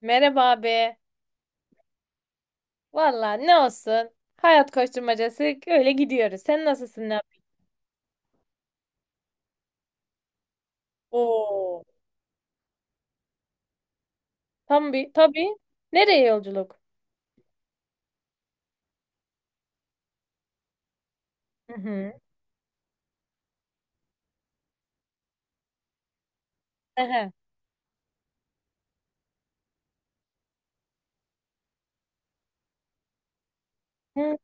Merhaba abi. Valla ne olsun. Hayat koşturmacası öyle gidiyoruz. Sen nasılsın? Ne yapıyorsun? Oo. Tam bir tabii. Nereye yolculuk? Hı hı. Aha. Hı.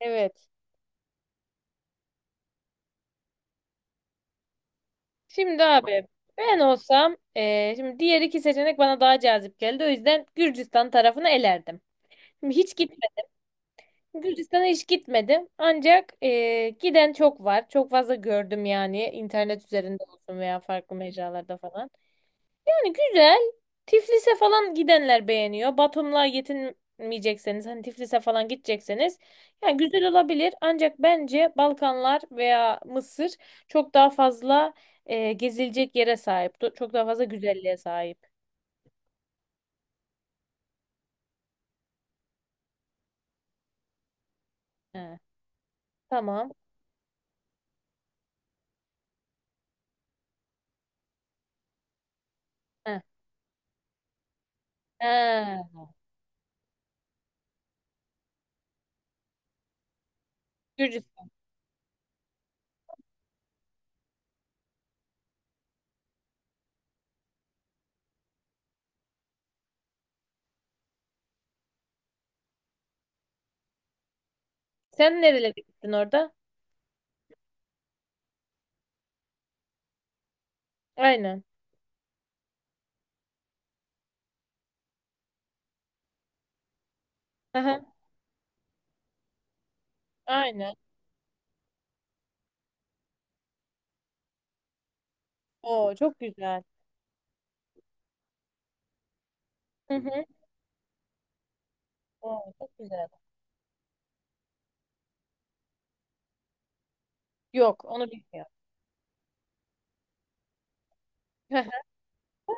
Evet. Şimdi abi ben olsam şimdi diğer iki seçenek bana daha cazip geldi. O yüzden Gürcistan tarafını elerdim. Şimdi hiç gitmedim. Gürcistan'a hiç gitmedim. Ancak giden çok var. Çok fazla gördüm yani internet üzerinde olsun veya farklı mecralarda falan. Yani güzel. Tiflis'e falan gidenler beğeniyor. Batum'la yetinmeyecekseniz hani Tiflis'e falan gidecekseniz yani güzel olabilir. Ancak bence Balkanlar veya Mısır çok daha fazla gezilecek yere sahip. Çok daha fazla güzelliğe sahip. He, tamam. He. He. Gürcistan. Sen nerelere gittin orada? Aynen. Aha, aynen. Oo çok güzel. Hı hı. Oo çok güzel. Yok onu bilmiyorum. Hı hı.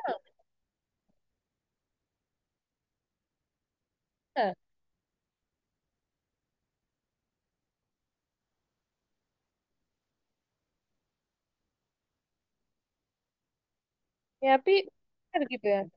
Ya bir Her gibi.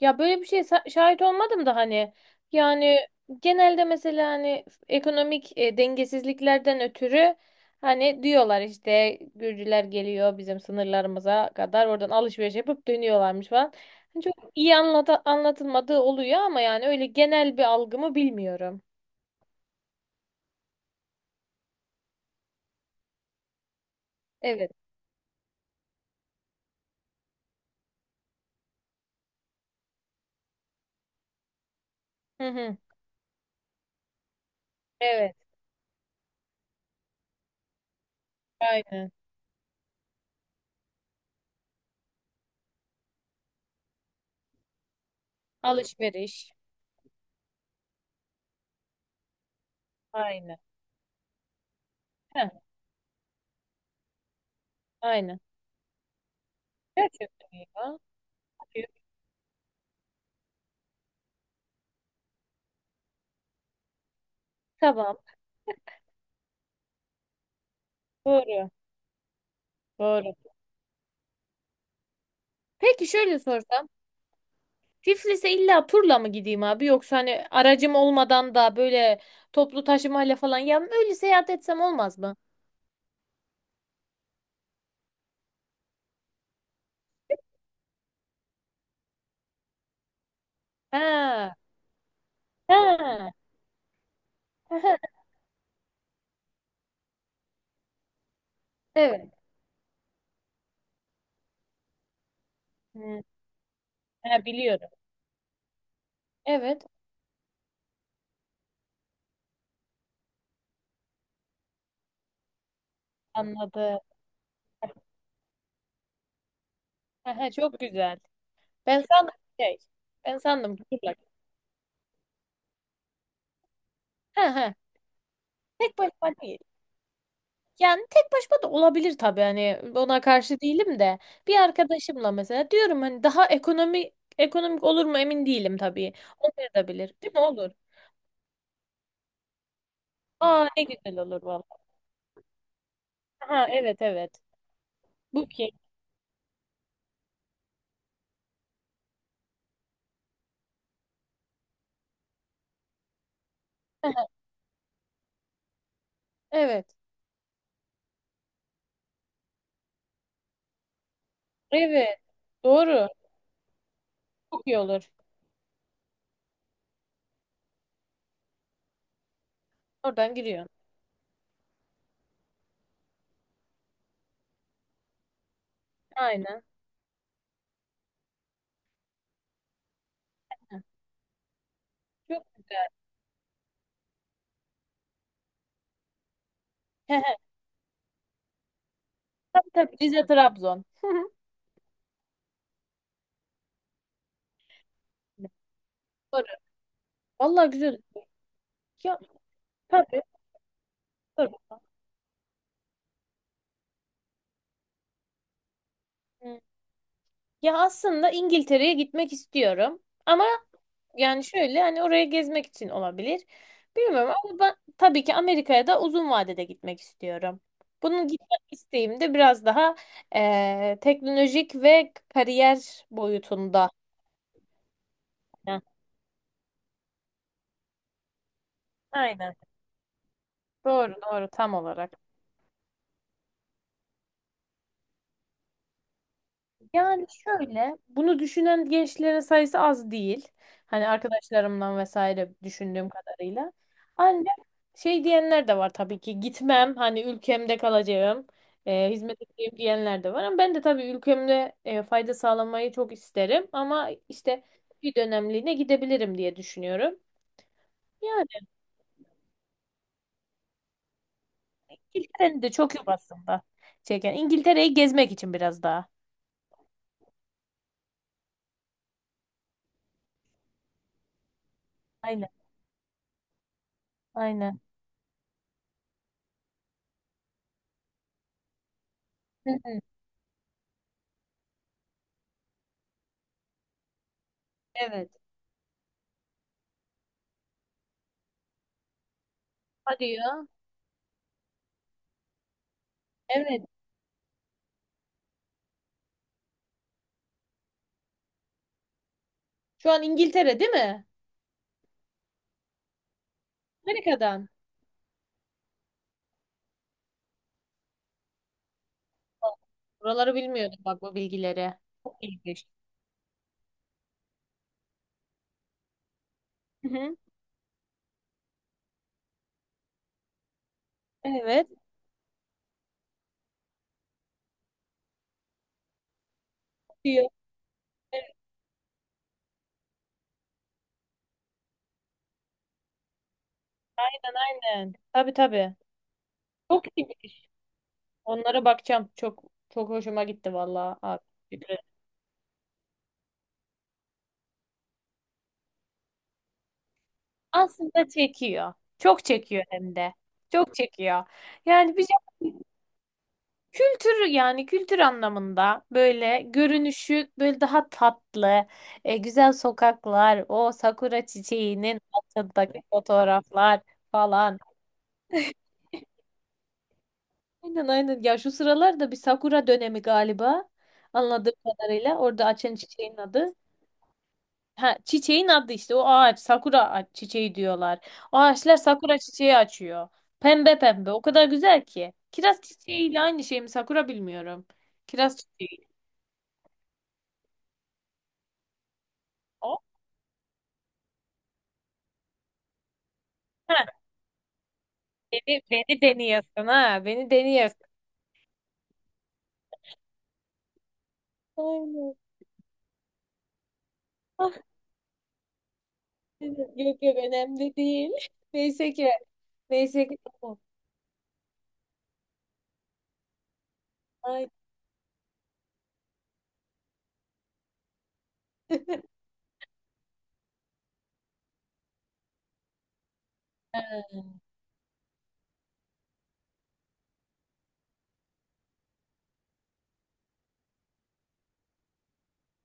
Ya böyle bir şeye şahit olmadım da hani yani genelde mesela hani ekonomik dengesizliklerden ötürü hani diyorlar işte Gürcüler geliyor bizim sınırlarımıza kadar oradan alışveriş yapıp dönüyorlarmış falan. Hani çok iyi anlatılmadığı oluyor ama yani öyle genel bir algımı bilmiyorum. Evet. Hı hı. Evet. Aynen. Alışveriş. Aynen. Heh, aynen. Gerçekten iyi ya. Tamam. Doğru. Doğru. Peki şöyle sorsam. Tiflis'e illa turla mı gideyim abi yoksa hani aracım olmadan da böyle toplu taşımayla falan ya öyle seyahat etsem olmaz mı? Ha. Ha. Evet. Hı, ha, biliyorum. Evet, anladım. Ha, ha, çok güzel. Ben sandım şey. Ben sandım ki turla. Ha, ha. Tek başıma değil. Yani tek başıma da olabilir tabii hani ona karşı değilim de bir arkadaşımla mesela diyorum hani daha ekonomi ekonomik olur mu emin değilim tabii. Olmayabilir. Değil mi? Olur. Aa ne güzel olur vallahi. Ha, evet, evet. Booking. Evet. Evet. Doğru. Çok iyi olur. Oradan giriyorsun. Aynen. Çok güzel. Tabii tabii. Rize Trabzon. Doğru. Vallahi güzel. Ya tabii. Doğru. Hı. Ya aslında İngiltere'ye gitmek istiyorum. Ama yani şöyle hani oraya gezmek için olabilir. Bilmiyorum ama ben tabii ki Amerika'ya da uzun vadede gitmek istiyorum. Bunun gitmek isteğim de biraz daha teknolojik ve kariyer boyutunda. Heh, aynen. Doğru doğru tam olarak. Yani şöyle, bunu düşünen gençlerin sayısı az değil. Hani arkadaşlarımdan vesaire düşündüğüm kadarıyla. Ancak şey diyenler de var tabii ki gitmem, hani ülkemde kalacağım, hizmet edeceğim diyenler de var. Ama ben de tabii ülkemde fayda sağlamayı çok isterim. Ama işte bir dönemliğine gidebilirim diye düşünüyorum. Yani İngiltere'nin de çok yok aslında çeken. İngiltere'yi gezmek için biraz daha. Aynen, aynen. Hı hı, evet. Hadi ya. Evet. Şu an İngiltere değil mi? Amerika'dan. Buraları bilmiyordum bak bu bilgileri. Çok ilginç. Hı hı. Evet. Diyor. Evet, aynen aynen. Tabii tabii. Çok iyi. Onlara bakacağım. Çok çok hoşuma gitti vallahi abi. Aslında çekiyor. Çok çekiyor hem de. Çok çekiyor. Yani bir kültür yani kültür anlamında böyle görünüşü böyle daha tatlı, güzel sokaklar, o sakura çiçeğinin altındaki fotoğraflar falan. Aynen aynen. Ya şu sıralar da bir sakura dönemi galiba. Anladığım kadarıyla orada açan çiçeğin adı. Ha, çiçeğin adı işte o ağaç sakura çiçeği diyorlar. O ağaçlar sakura çiçeği açıyor. Pembe pembe o kadar güzel ki. Kiraz çiçeğiyle aynı şey mi sakura bilmiyorum. Kiraz çiçeği o. Beni deniyorsun ha. Beni deniyorsun. Aynen. Ah dedim. Yok yok önemli değil. Neyse ki. Neyse ki. Tamam. Ay. Ha,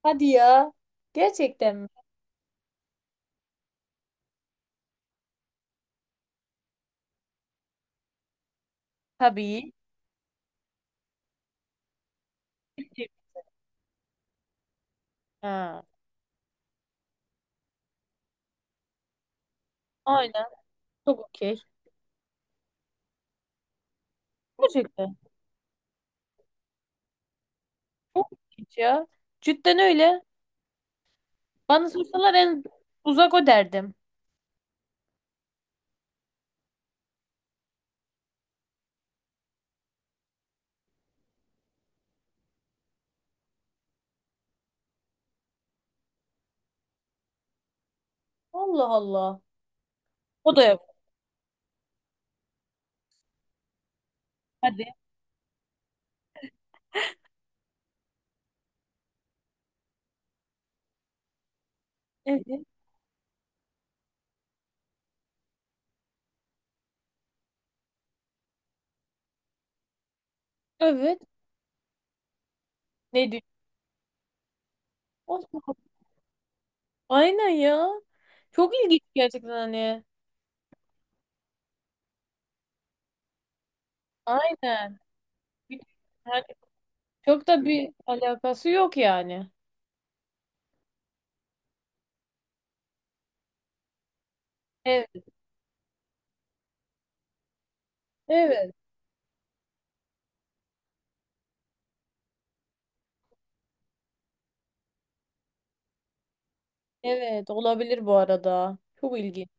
hadi ya. Gerçekten mi? Tabii. Ha. Aynen. Çok okey. Gerçekten. Çok okey ya. Cidden öyle. Bana sorsalar en uzak o derdim. Allah Allah. O da yok. Hadi. Evet. Evet. Ne diyor? Allah Allah. Aynen ya. Çok ilginç gerçekten hani. Aynen. Yani çok da bir alakası yok yani. Evet, evet, evet olabilir bu arada. Çok ilginç.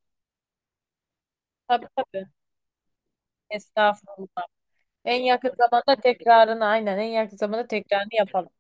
Tabii tabii. Estağfurullah. En yakın zamanda tekrarını aynen en yakın zamanda tekrarını yapalım.